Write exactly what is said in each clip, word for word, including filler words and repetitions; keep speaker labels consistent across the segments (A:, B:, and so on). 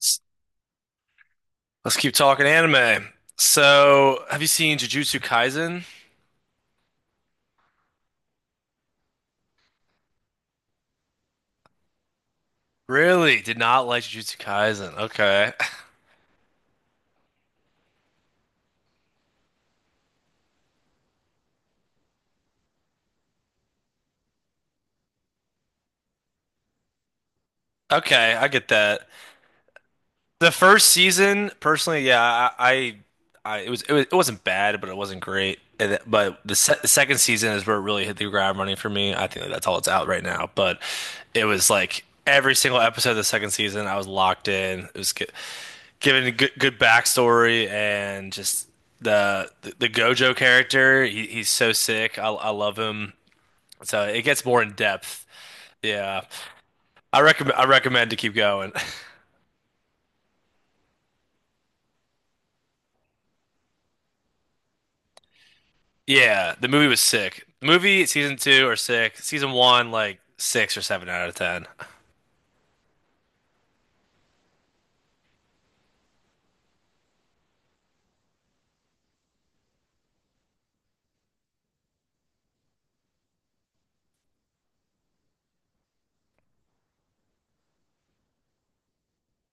A: S- Let's keep talking anime. So, have you seen Jujutsu Kaisen? Really? Did not like Jujutsu Kaisen. Okay. Okay, I get that. The first season, personally, yeah, I, I, I it was, it was, it wasn't bad, but it wasn't great. And it- but the, se the second season is where it really hit the ground running for me. I think that's all it's out right now. But it was like every single episode of the second season, I was locked in. It was good. Given a good good backstory and just the the, the Gojo character. He, he's so sick. I, I love him. So it gets more in depth. Yeah, I recommend I recommend to keep going. Yeah, the movie was sick. Movie season two or six. Season one like six or seven out of ten.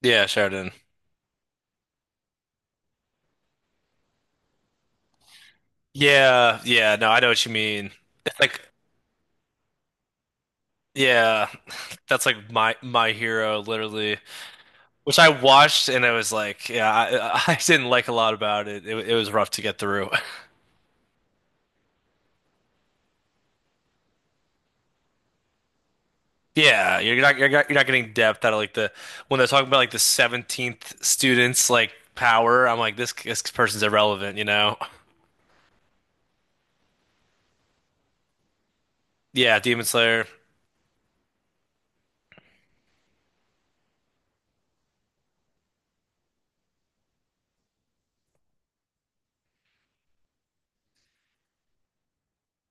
A: Yeah, Sheridan. Yeah, yeah. No, I know what you mean. It's like yeah, that's like my my hero literally. Which I watched and it was like, yeah, I, I didn't like a lot about it. It, it was rough to get through. Yeah, you're not you're not you're not getting depth out of like the when they're talking about like the seventeenth students like power. I'm like this this person's irrelevant, you know? Yeah, Demon Slayer.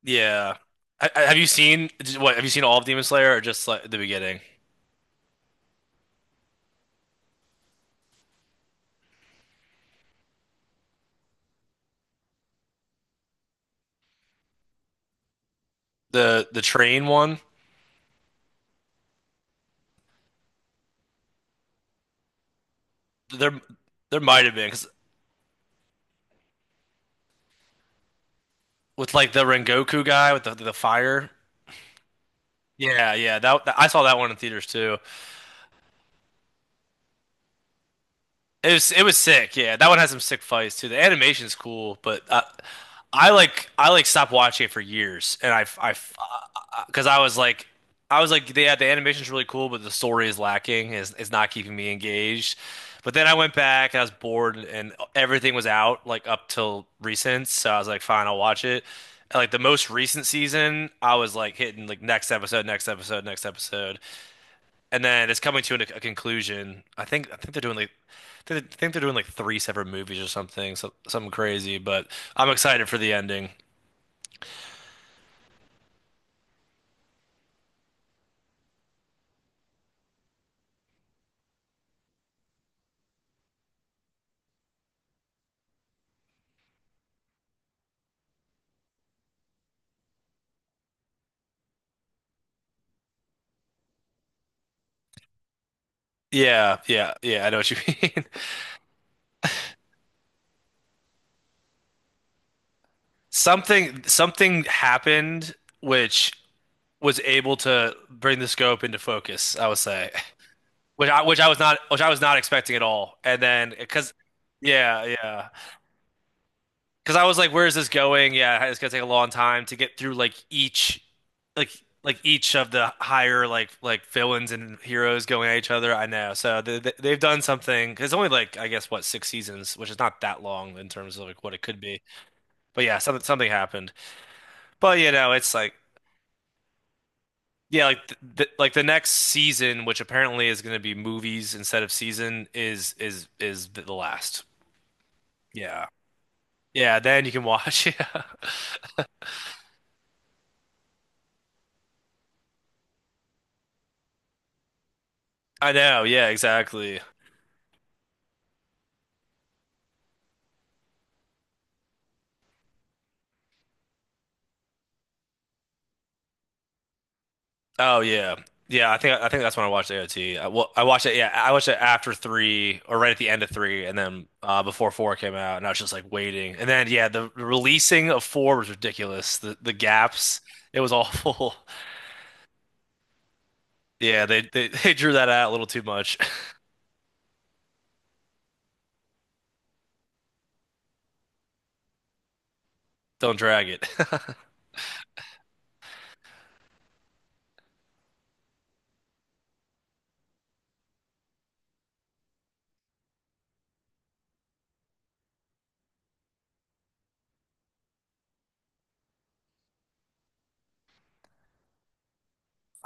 A: Yeah. I, I- have you seen what? Have you seen all of Demon Slayer or just like the beginning? The the train one? There there might have been 'cause with like the Rengoku guy with the the fire. Yeah, yeah. That I saw that one in theaters too. It was it was sick, yeah. That one has some sick fights too. The animation's cool, but uh, I like I like stopped watching it for years, and I I because I was like I was like yeah, the animation's really cool, but the story is lacking. is is not keeping me engaged. But then I went back and I was bored, and everything was out like up till recent, so I was like, fine, I'll watch it. And, like the most recent season, I was like hitting like next episode, next episode, next episode, and then it's coming to an, a conclusion. I think I think they're doing like I think they're doing like three separate movies or something, so, something crazy. But I'm excited for the ending. Yeah, yeah, yeah. I know what you mean. Something something happened which was able to bring the scope into focus. I would say, which I which I was not which I was not expecting at all. And then because yeah, yeah. Because I was like, where is this going? Yeah, it's gonna take a long time to get through like each, like like each of the higher like like villains and heroes going at each other. I know, so they, they- they've done something. It's only like I guess what six seasons, which is not that long in terms of like what it could be. But yeah, something something happened. But you know, it's like yeah, like the, the like the next season, which apparently is gonna be movies instead of season, is is is the last. Yeah, yeah. Then you can watch. Yeah, I know. Yeah, exactly. Oh yeah, yeah. I think I think that's when I watched A O T. I, well, I watched it. Yeah, I watched it after three or right at the end of three, and then uh, before four came out, and I was just like waiting. And then yeah, the, releasing of four was ridiculous. The the gaps, it was awful. Yeah, they they, they drew that out a little too much. Don't drag it.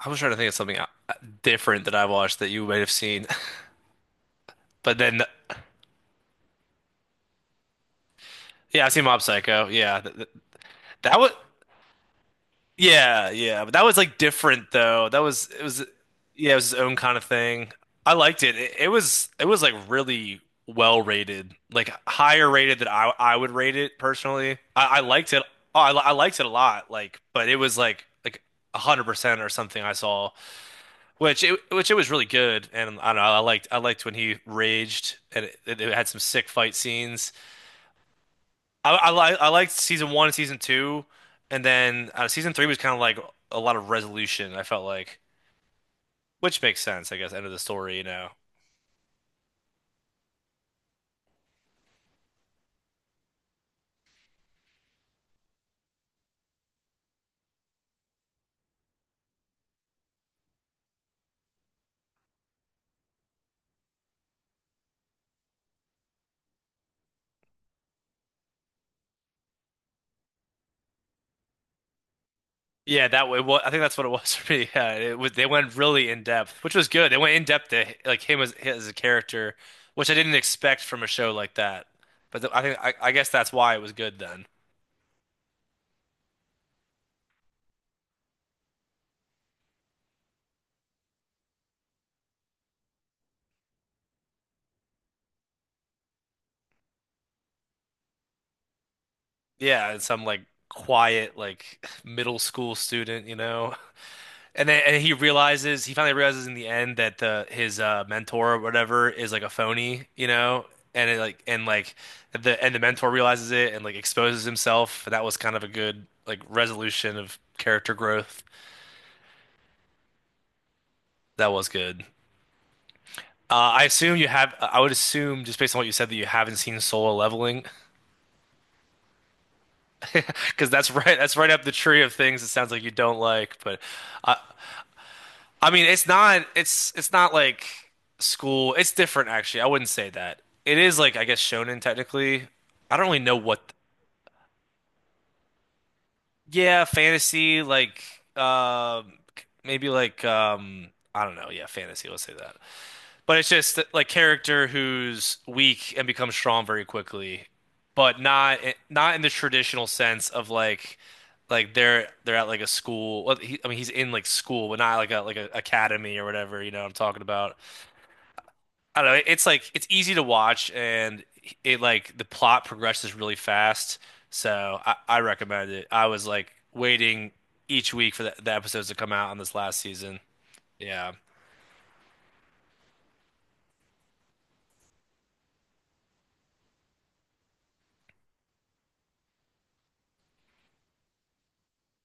A: I was trying to think of something uh, different that I watched that you might have seen, but then yeah, I've seen Mob Psycho. Yeah, that, that, that was. Yeah, yeah, but that was like different though. That was it was yeah, it was his own kind of thing. I liked it. It, it was it was like really well rated, like higher rated than I I would rate it personally. I, I liked it. Oh, I, li- I liked it a lot. Like, but it was like like a hundred percent or something I saw, which it which it was really good. And I don't know. I liked I liked when he raged, and it, it had some sick fight scenes. I, I like I liked season one and season two, and then uh, season three was kind of like a lot of resolution. I felt like, which makes sense, I guess, end of the story, you know. Yeah, that way. Well, I think that's what it was for me. Yeah, it was, they went really in depth, which was good. They went in depth to like him as as a character, which I didn't expect from a show like that. But th I think I, I guess that's why it was good then. Yeah, and some like quiet like middle school student, you know. And then and he realizes he finally realizes in the end that the his uh mentor or whatever is like a phony, you know? And it like and like the and the mentor realizes it and like exposes himself. That was kind of a good like resolution of character growth. That was good. Uh, I assume you have I would assume just based on what you said that you haven't seen Solo Leveling because that's right that's right up the tree of things it sounds like you don't like, but I I mean, it's not it's it's not like school. It's different actually. I wouldn't say that. It is like I guess shonen technically. I don't really know what yeah, fantasy like um maybe like um I don't know. Yeah, fantasy, let's say that. But it's just like character who's weak and becomes strong very quickly, but not eh, not in the traditional sense of like like they're they're at like a school. Well, he- I mean, he's in like school, but not like a like a academy or whatever, you know what I'm talking about. I don't know. it- It's like it's easy to watch, and it like the plot progresses really fast. So I, I recommend it. I was like waiting each week for the, the episodes to come out on this last season. Yeah,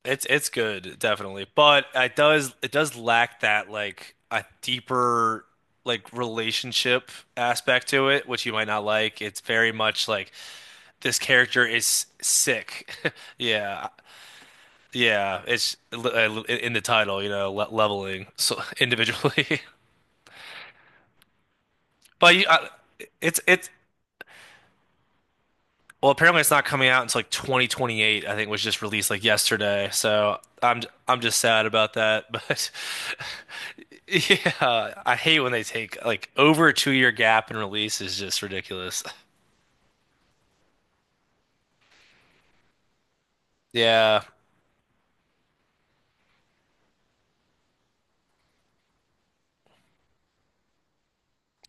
A: it's it's good, definitely, but it does it does lack that like a deeper like relationship aspect to it, which you might not like. It's very much like this character is sick. Yeah. Yeah, it's uh, in the title, you know, le leveling so individually. But you, I, it's it's well, apparently it's not coming out until like twenty twenty-eight, I think was just released like yesterday. So I'm I'm just sad about that, but yeah, I hate when they take like over a two year gap in release is just ridiculous. Yeah.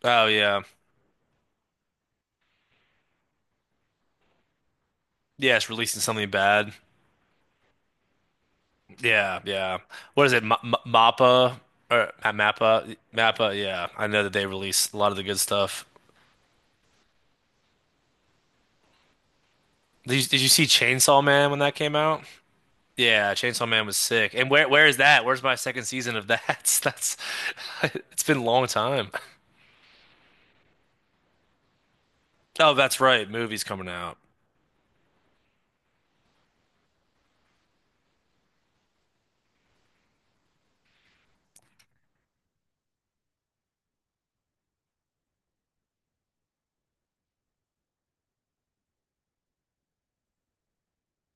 A: Oh yeah. Yeah, it's releasing something bad. Yeah, yeah. What is it? M M Mappa or uh, Mappa? Mappa. Yeah, I know that they released a lot of the good stuff. Did you, did you see Chainsaw Man when that came out? Yeah, Chainsaw Man was sick. And where where is that? Where's my second season of that? That's it's been a long time. Oh, that's right. Movie's coming out.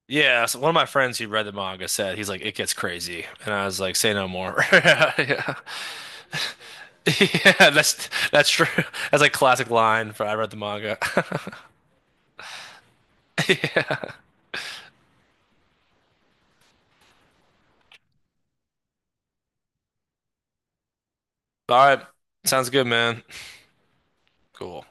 A: Yeah, so one of my friends who read the manga said he's like, it gets crazy, and I was like, say no more. Yeah, yeah, yeah. That's that's true. That's like classic line for I read the manga. All right. Sounds good, man. Cool.